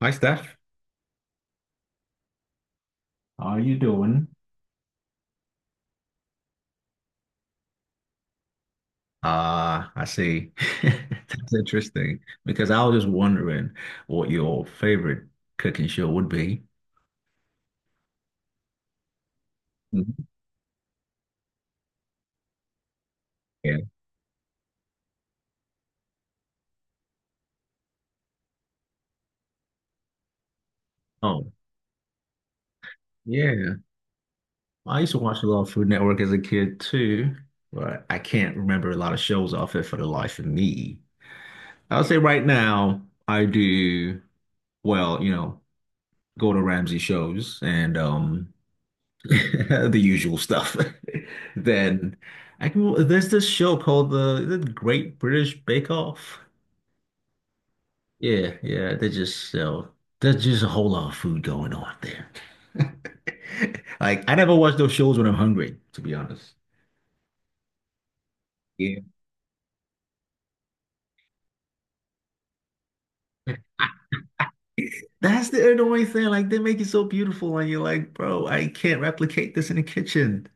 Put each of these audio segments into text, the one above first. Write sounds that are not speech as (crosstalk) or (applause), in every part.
Hi, Steph. How are you doing? Ah, I see. (laughs) That's interesting because I was just wondering what your favorite cooking show would be. Mhm. Yeah. Oh, yeah. I used to watch a lot of Food Network as a kid too, but I can't remember a lot of shows off it for the life of me. I'll say right now, I do, well, go to Ramsey shows and (laughs) the usual stuff. (laughs) Then I can, there's this show called is it Great British Bake Off. Yeah, yeah, they just sell. There's just a whole lot of food going on there. (laughs) Like I never watch those shows when I'm hungry, to be honest. Yeah. That's the annoying thing. Like they make it so beautiful, and you're like, bro, I can't replicate this in the kitchen.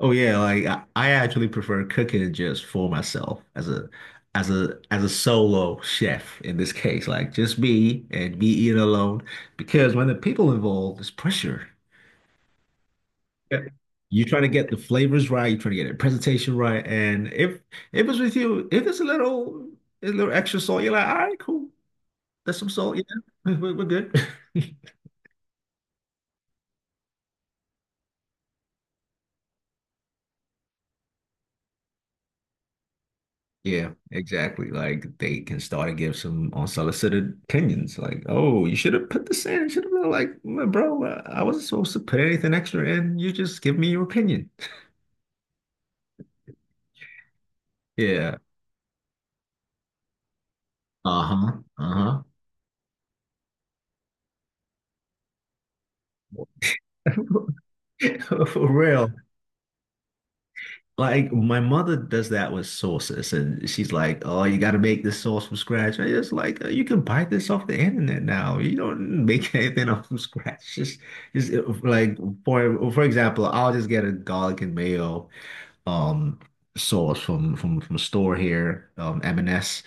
Oh yeah, like I actually prefer cooking just for myself as a solo chef in this case, like just me and me eating alone. Because when the people involved, there's pressure. Yeah. You're trying to get the flavors right, you're trying to get the presentation right. And if it's with you, if it's a little extra salt, you're like, all right, cool. That's some salt, yeah. (laughs) We're good. (laughs) Yeah, exactly. Like they can start to give some unsolicited opinions. Like, oh, you should have put this in. You should have been like, "Mm, bro, I wasn't supposed to put anything extra in. You just give me your opinion." (laughs) Yeah. Uh-huh. Uh-huh. (laughs) For real. Like my mother does that with sauces, and she's like, "Oh, you got to make this sauce from scratch." I just like, you can buy this off the internet now. You don't make (laughs) anything up from scratch. Just like for example, I'll just get a garlic and mayo um sauce from a store here, M&S.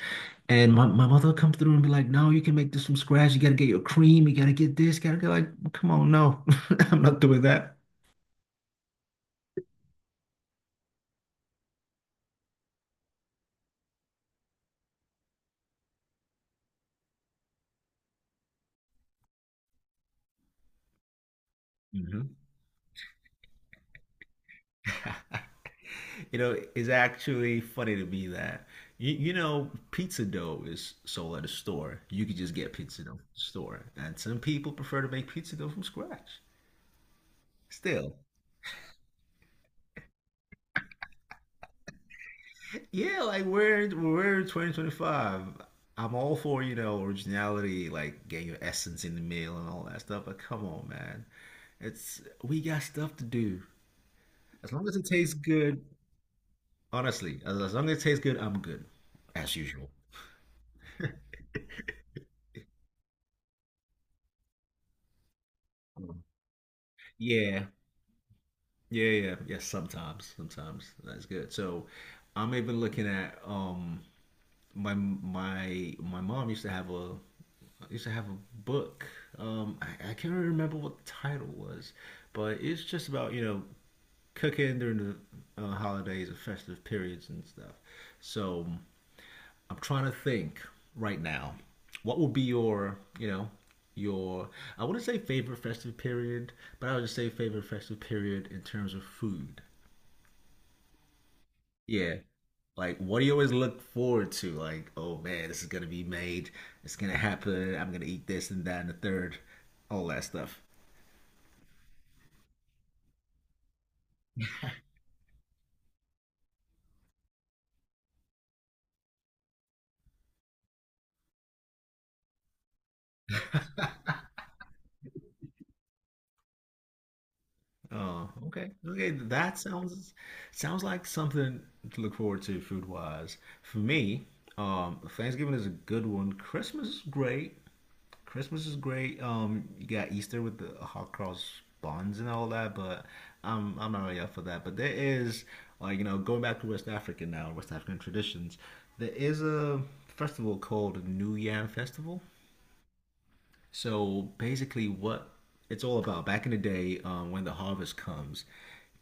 And S. And my mother would come through and be like, "No, you can make this from scratch. You gotta get your cream. You gotta get this. Gotta get like, come on, no, (laughs) I'm not doing that." Hmm. You know, it's actually funny to me that you know pizza dough is sold at a store. You could just get pizza dough from the store, and some people prefer to make pizza dough from scratch. Still, yeah, like we're 2025. I'm all for, you know, originality, like getting your essence in the meal and all that stuff, but come on, man. It's we got stuff to do. As long as it tastes good, honestly, as long as it tastes good, I'm good. As usual. Um, Yeah, yeah, yeah. Yes, sometimes. Sometimes. That's good. So I'm even looking at my mom used to have a book. I can't really remember what the title was, but it's just about you know cooking during the holidays and festive periods and stuff. So I'm trying to think right now, what would be your you know your I wouldn't say favorite festive period, but I would just say favorite festive period in terms of food. Yeah, like, what do you always look forward to? Like, oh man, this is gonna be made. It's gonna happen. I'm gonna eat this and that and the third, all that stuff. Oh, okay. That sounds sounds like something to look forward to food wise. For me, Thanksgiving is a good one. Christmas is great. Christmas is great. You got Easter with the hot cross buns and all that, but I'm not really up for that. But there is like you know going back to West Africa now, West African traditions. There is a festival called New Yam Festival. So basically, what it's all about. Back in the day, when the harvest comes,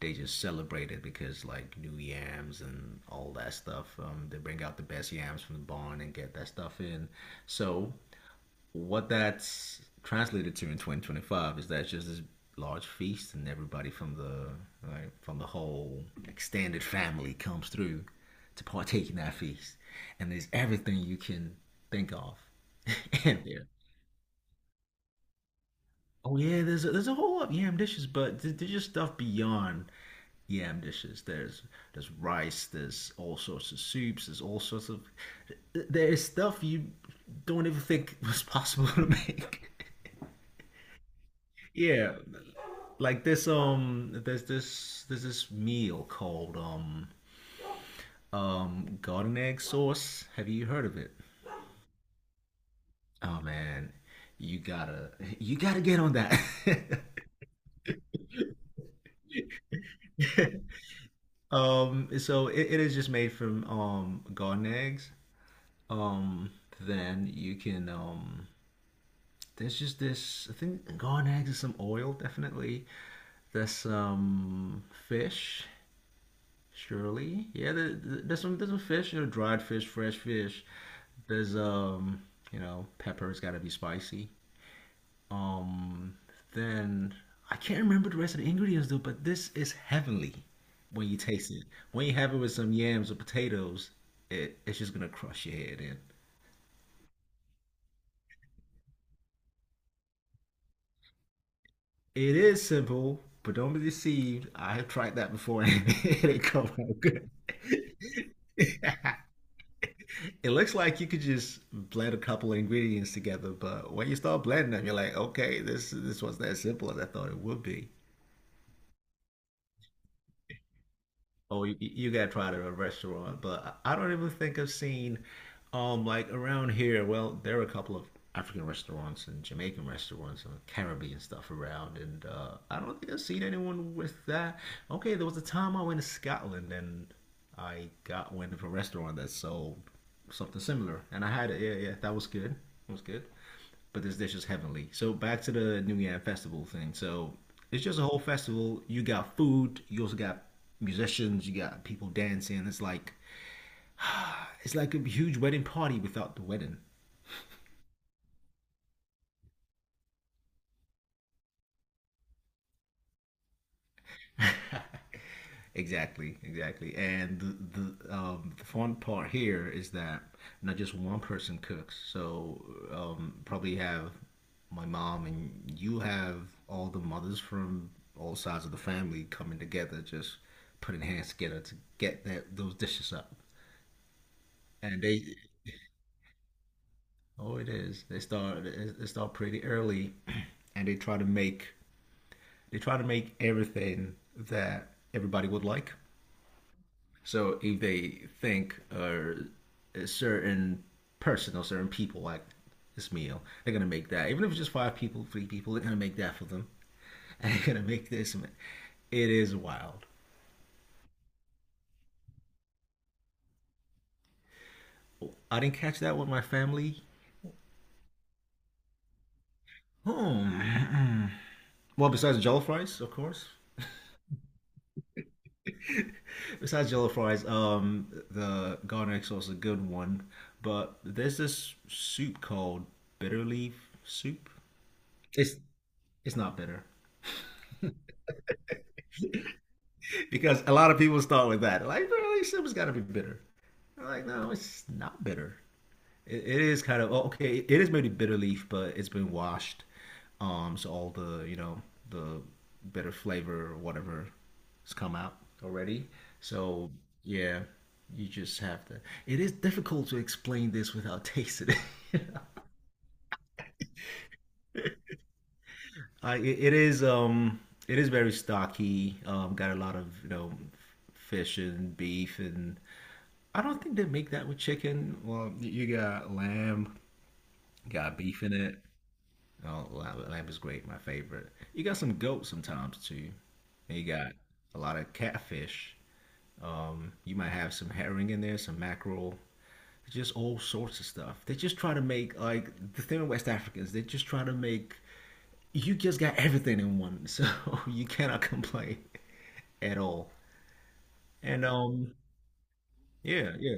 they just celebrate it because like new yams and all that stuff. They bring out the best yams from the barn and get that stuff in. So what that's translated to in 2025 is that it's just this large feast, and everybody from the like, from the whole extended family comes through to partake in that feast, and there's everything you can think of (laughs) in there. Oh yeah, there's a whole lot of yam dishes, but there's just stuff beyond yam dishes. There's rice, there's all sorts of soups, there's all sorts of there is stuff you don't even think was possible (laughs) to make. Yeah, like this there's this meal called garden egg sauce. Have you heard of it? Oh man, you gotta (laughs) you gotta get on that. (laughs) Um, so it is just made from garden eggs. Um, then you can there's just this I think garden eggs and some oil definitely. There's some fish surely, yeah. There's some fish, you know, dried fish, fresh fish. There's you know, pepper's got to be spicy. Um, then I can't remember the rest of the ingredients though, but this is heavenly when you taste it. When you have it with some yams or potatoes, it's just gonna crush your head in. It is simple, but don't be deceived. I have tried that before and (laughs) it ain't come out good. (laughs) It looks like you could just blend a couple of ingredients together, but when you start blending them, you're like, okay, this wasn't as simple as I thought it would be. Oh, you gotta try it at a restaurant, but I don't even think I've seen, like around here. Well, there are a couple of African restaurants and Jamaican restaurants and Caribbean stuff around, and I don't think I've seen anyone with that. Okay, there was a time I went to Scotland and I got went to a restaurant that sold something similar, and I had it. Yeah, yeah, that was good. It was good. But this dish is heavenly. So back to the New Year festival thing. So it's just a whole festival. You got food. You also got musicians. You got people dancing. It's like a huge wedding party without the wedding. (laughs) Exactly, exactly. And the fun part here is that not just one person cooks. So probably have my mom and you have all the mothers from all sides of the family coming together, just putting hands together to get that those dishes up. And they, oh, it is. They start pretty early, (clears throat) and they try to make everything that everybody would like. So if they think or a certain person or certain people like this meal, they're gonna make that. Even if it's just five people, three people, they're gonna make that for them. (laughs) And they're gonna make this. Man. It is wild. I didn't catch that with my family. Hmm. (clears throat) Well, besides jello fries, of course. (laughs) Besides jello fries, the garlic sauce is a good one. But there's this soup called bitter leaf soup. It's it's not bitter. Because a lot of people start with that. Like, really, Simba's got to be bitter. I'm like, no, it's not bitter. It is kind of oh, okay. It is maybe bitter leaf, but it's been washed. So all the you know the bitter flavor or whatever has come out already. So yeah, you just have to. It is difficult to explain this without tasting it. (laughs) I, it is very stocky. Got a lot of you know fish and beef and I don't think they make that with chicken. Well, you got lamb, you got beef in it. Oh, lamb is great, my favorite. You got some goat sometimes too. And you got a lot of catfish. You might have some herring in there, some mackerel, just all sorts of stuff. They just try to make like the thing with West Africans. They just try to make you just got everything in one, so (laughs) you cannot complain at all. And yeah, yeah.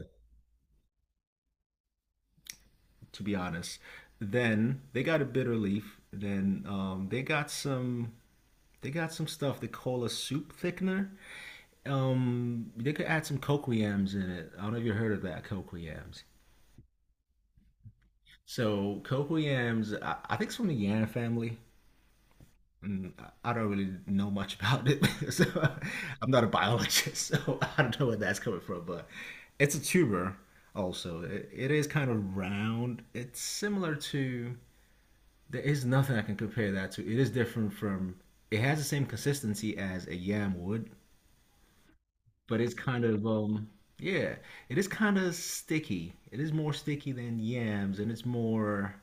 To be honest. Then they got a bitter leaf. Then they got some stuff they call a soup thickener. They could add some cocoyams in it. I don't know if you heard of that cocoyams. So cocoyams, I think it's from the yam family. Mm, I don't really know much about it. (laughs) So I'm not a biologist, (laughs) so I don't know where that's coming from. But it's a tuber. Also, it is kind of round. It's similar to there is nothing I can compare that to. It is different from. It has the same consistency as a yam would, but it's kind of yeah, it is kind of sticky. It is more sticky than yams, and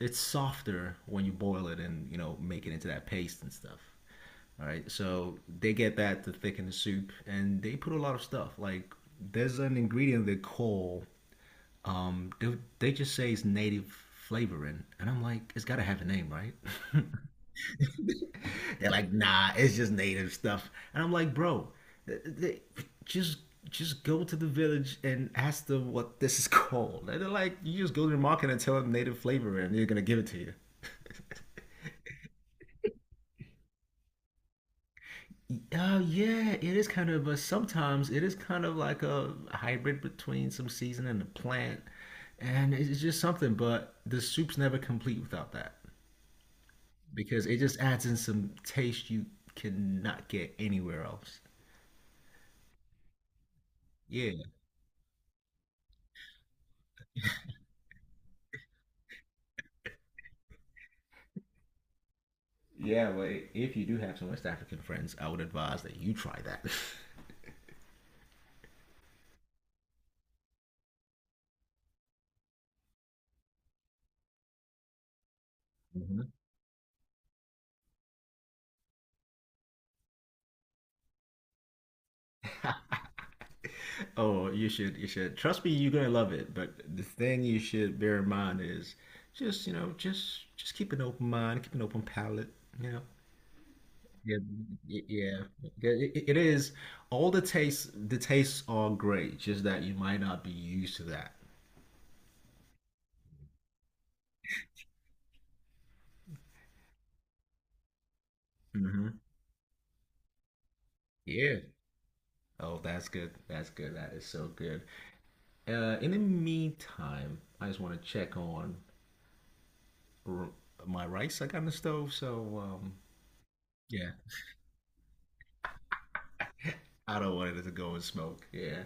it's softer when you boil it and you know make it into that paste and stuff. All right, so they get that to thicken the soup, and they put a lot of stuff. Like there's an ingredient they call they just say it's native flavoring, and I'm like, it's got to have a name, right? (laughs) (laughs) They're like, nah, it's just native stuff. And I'm like, bro, they just just go to the village and ask them what this is (laughs) called. And they're like, you just go to the market and tell them native flavor, and they're gonna give it to you. Yeah, it is kind of, but sometimes it is kind of like a hybrid between some season and a plant, and it's just something. But the soup's never complete without that because it just adds in some taste you cannot get anywhere else. Yeah, yeah, well, if you do have some West African friends, I would advise that you try that. (laughs) Hmm. Oh, you should, you should. Trust me, you're gonna love it. But the thing you should bear in mind is just, you know, just keep an open mind, keep an open palate, you know. Yeah, yeah. Yeah, it is all the tastes are great, just that you might not be used to that. Hmm. Yeah. Oh, that's good. That's good. That is so good. In the meantime, I just want to check on r- my rice I got in the stove. So yeah, I don't want it to go and smoke. Yeah,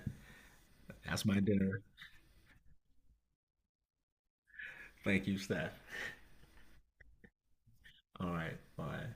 that's my dinner. Thank you, Steph. All right, bye.